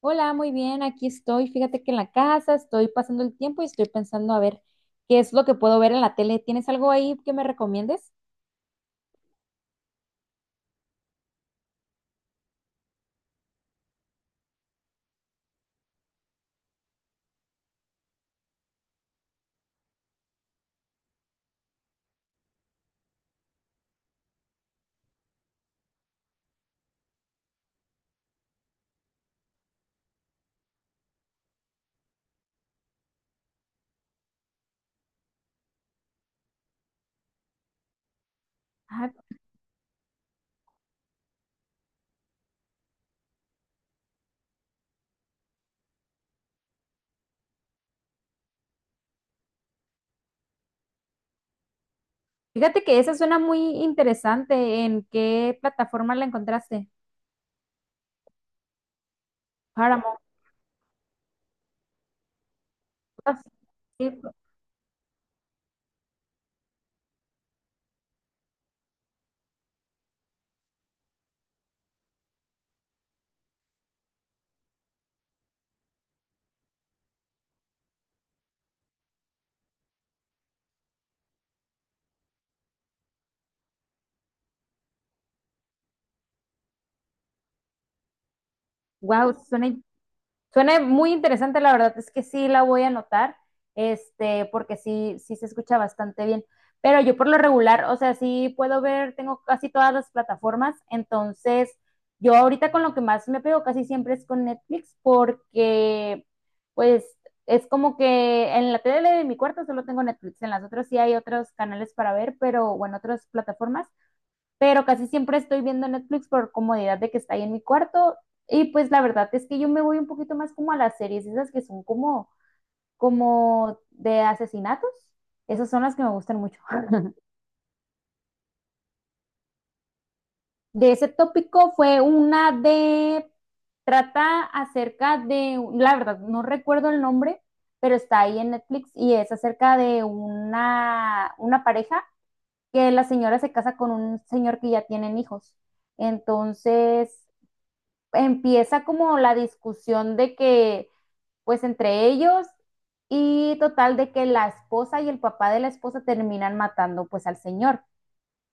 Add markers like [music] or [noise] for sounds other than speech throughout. Hola, muy bien, aquí estoy. Fíjate que en la casa estoy pasando el tiempo y estoy pensando a ver qué es lo que puedo ver en la tele. ¿Tienes algo ahí que me recomiendes? Ah, fíjate que esa suena muy interesante. ¿En qué plataforma la encontraste? Paramount Plus. Sí, wow, suena suena muy interesante, la verdad es que sí la voy a anotar, porque sí, sí se escucha bastante bien. Pero yo por lo regular, o sea, sí puedo ver, tengo casi todas las plataformas, entonces yo ahorita con lo que más me pego casi siempre es con Netflix, porque pues es como que en la tele de mi cuarto solo tengo Netflix, en las otras sí hay otros canales para ver, pero bueno, otras plataformas, pero casi siempre estoy viendo Netflix por comodidad de que está ahí en mi cuarto. Y pues la verdad es que yo me voy un poquito más como a las series, esas que son como de asesinatos. Esas son las que me gustan mucho. [laughs] De ese tópico fue una de, trata acerca de, la verdad, no recuerdo el nombre, pero está ahí en Netflix y es acerca de una pareja que la señora se casa con un señor que ya tienen hijos. Entonces, empieza como la discusión de que, pues entre ellos y total de que la esposa y el papá de la esposa terminan matando pues al señor.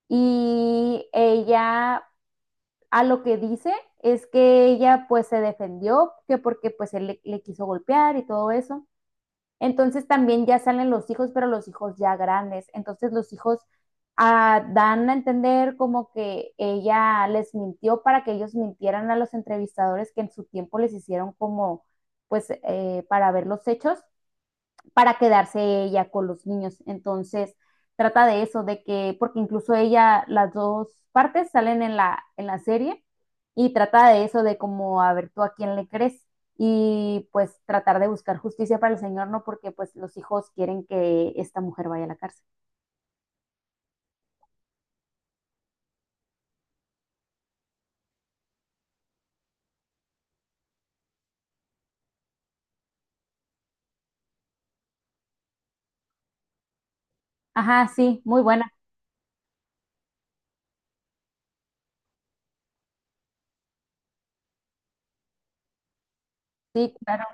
Y ella a lo que dice es que ella pues se defendió, que porque pues él le quiso golpear y todo eso. Entonces también ya salen los hijos, pero los hijos ya grandes. Entonces los hijos dan a entender como que ella les mintió para que ellos mintieran a los entrevistadores que en su tiempo les hicieron como, pues, para ver los hechos para quedarse ella con los niños. Entonces, trata de eso, de que, porque incluso ella, las dos partes salen en la serie y trata de eso, de como, a ver, tú a quién le crees y pues tratar de buscar justicia para el Señor, ¿no? Porque pues los hijos quieren que esta mujer vaya a la cárcel. Ajá, sí, muy buena. Sí, claro.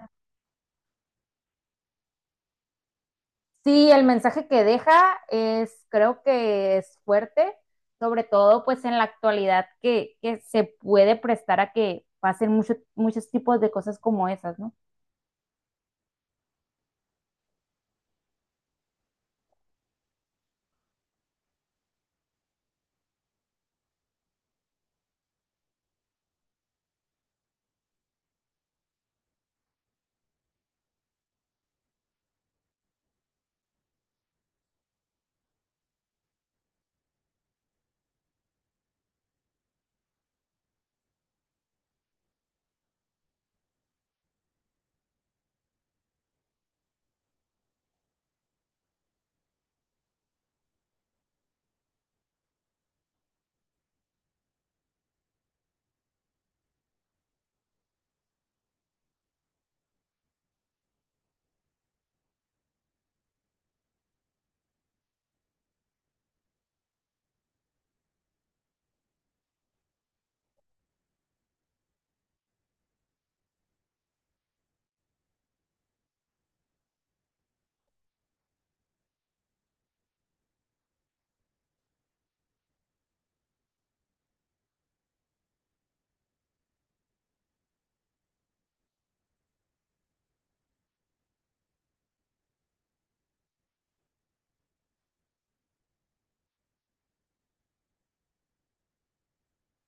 Sí, el mensaje que deja es, creo que es fuerte, sobre todo pues en la actualidad que se puede prestar a que pasen muchos tipos de cosas como esas, ¿no?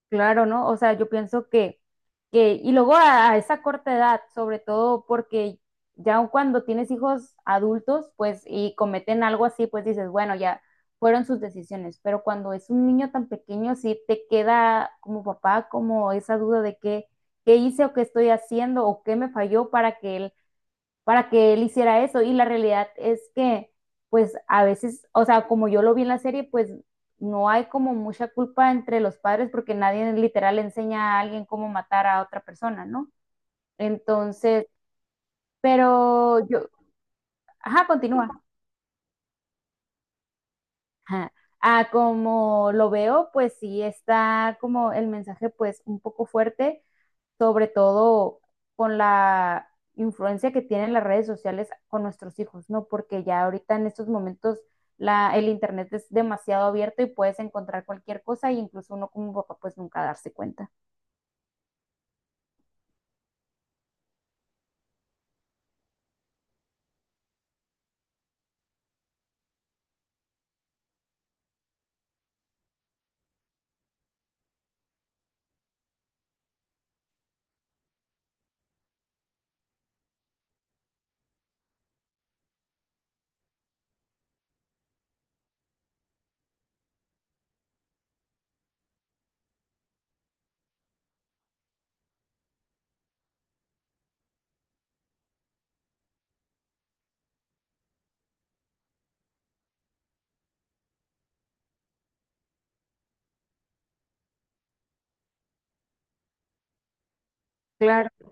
Claro, ¿no? O sea, yo pienso que y luego a esa corta edad, sobre todo porque ya cuando tienes hijos adultos, pues, y cometen algo así, pues dices, bueno, ya fueron sus decisiones, pero cuando es un niño tan pequeño, sí te queda como papá, como esa duda de qué, qué hice o qué estoy haciendo o qué me falló para que él hiciera eso. Y la realidad es que, pues a veces, o sea, como yo lo vi en la serie, pues no hay como mucha culpa entre los padres porque nadie literal enseña a alguien cómo matar a otra persona, ¿no? Entonces, pero yo, ajá, continúa. Ajá. Ah, como lo veo, pues sí está como el mensaje pues un poco fuerte sobre todo con la influencia que tienen las redes sociales con nuestros hijos, ¿no? Porque ya ahorita en estos momentos el internet es demasiado abierto y puedes encontrar cualquier cosa y incluso uno como papá pues nunca darse cuenta. Claro.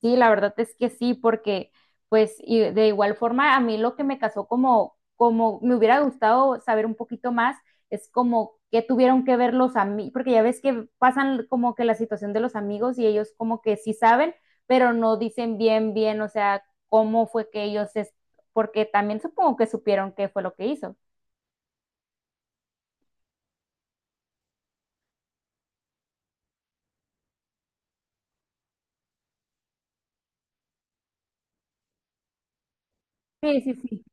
Sí, la verdad es que sí, porque pues y de igual forma a mí lo que me casó como me hubiera gustado saber un poquito más es como qué tuvieron que ver los amigos, porque ya ves que pasan como que la situación de los amigos y ellos como que sí saben, pero no dicen bien, bien, o sea, cómo fue que ellos, porque también supongo que supieron qué fue lo que hizo. Sí, sí, sí.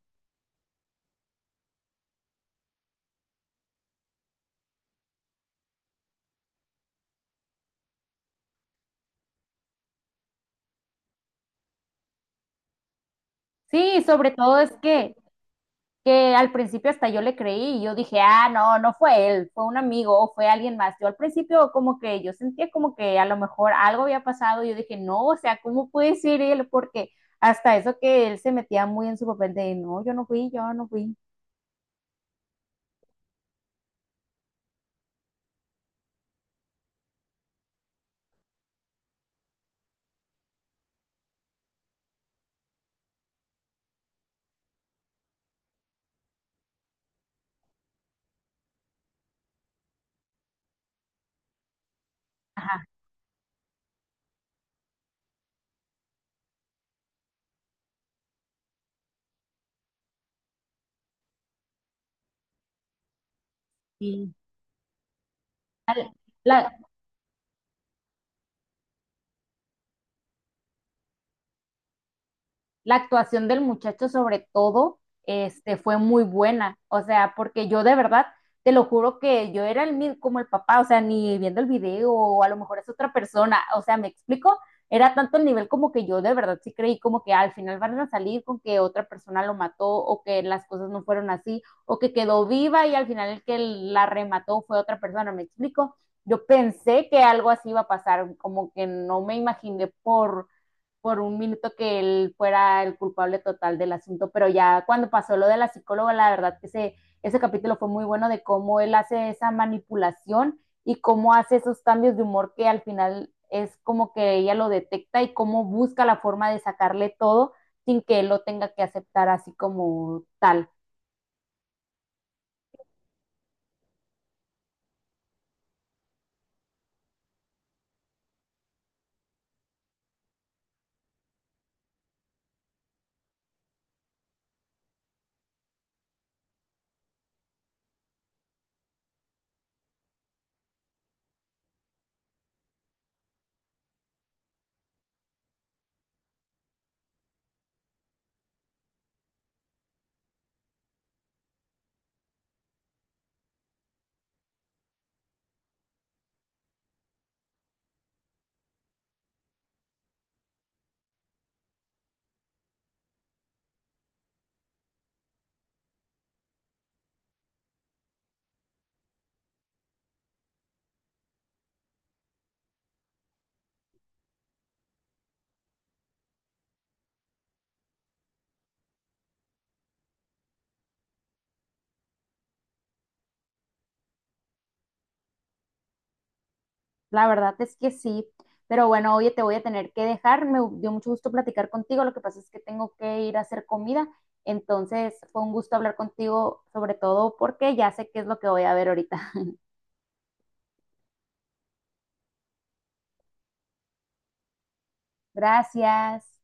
Sí, sobre todo es que al principio hasta yo le creí y yo dije, ah, no, no fue él, fue un amigo o fue alguien más. Yo al principio como que yo sentía como que a lo mejor algo había pasado y yo dije, no, o sea, ¿cómo puede ser él? Porque hasta eso que él se metía muy en su papel de, no, yo no fui, yo no fui. Ajá, sí. La, la actuación del muchacho sobre todo fue muy buena, o sea, porque yo de verdad, te lo juro que yo era el como el papá, o sea, ni viendo el video, o a lo mejor es otra persona, o sea, me explico, era tanto el nivel como que yo de verdad sí creí como que al final van a salir con que otra persona lo mató o que las cosas no fueron así o que quedó viva y al final el que la remató fue otra persona, ¿me explico? Yo pensé que algo así iba a pasar, como que no me imaginé por un minuto que él fuera el culpable total del asunto, pero ya cuando pasó lo de la psicóloga, la verdad que ese capítulo fue muy bueno de cómo él hace esa manipulación y cómo hace esos cambios de humor que al final es como que ella lo detecta y cómo busca la forma de sacarle todo sin que él lo tenga que aceptar así como tal. La verdad es que sí, pero bueno, oye, te voy a tener que dejar. Me dio mucho gusto platicar contigo. Lo que pasa es que tengo que ir a hacer comida. Entonces, fue un gusto hablar contigo, sobre todo porque ya sé qué es lo que voy a ver ahorita. [laughs] Gracias.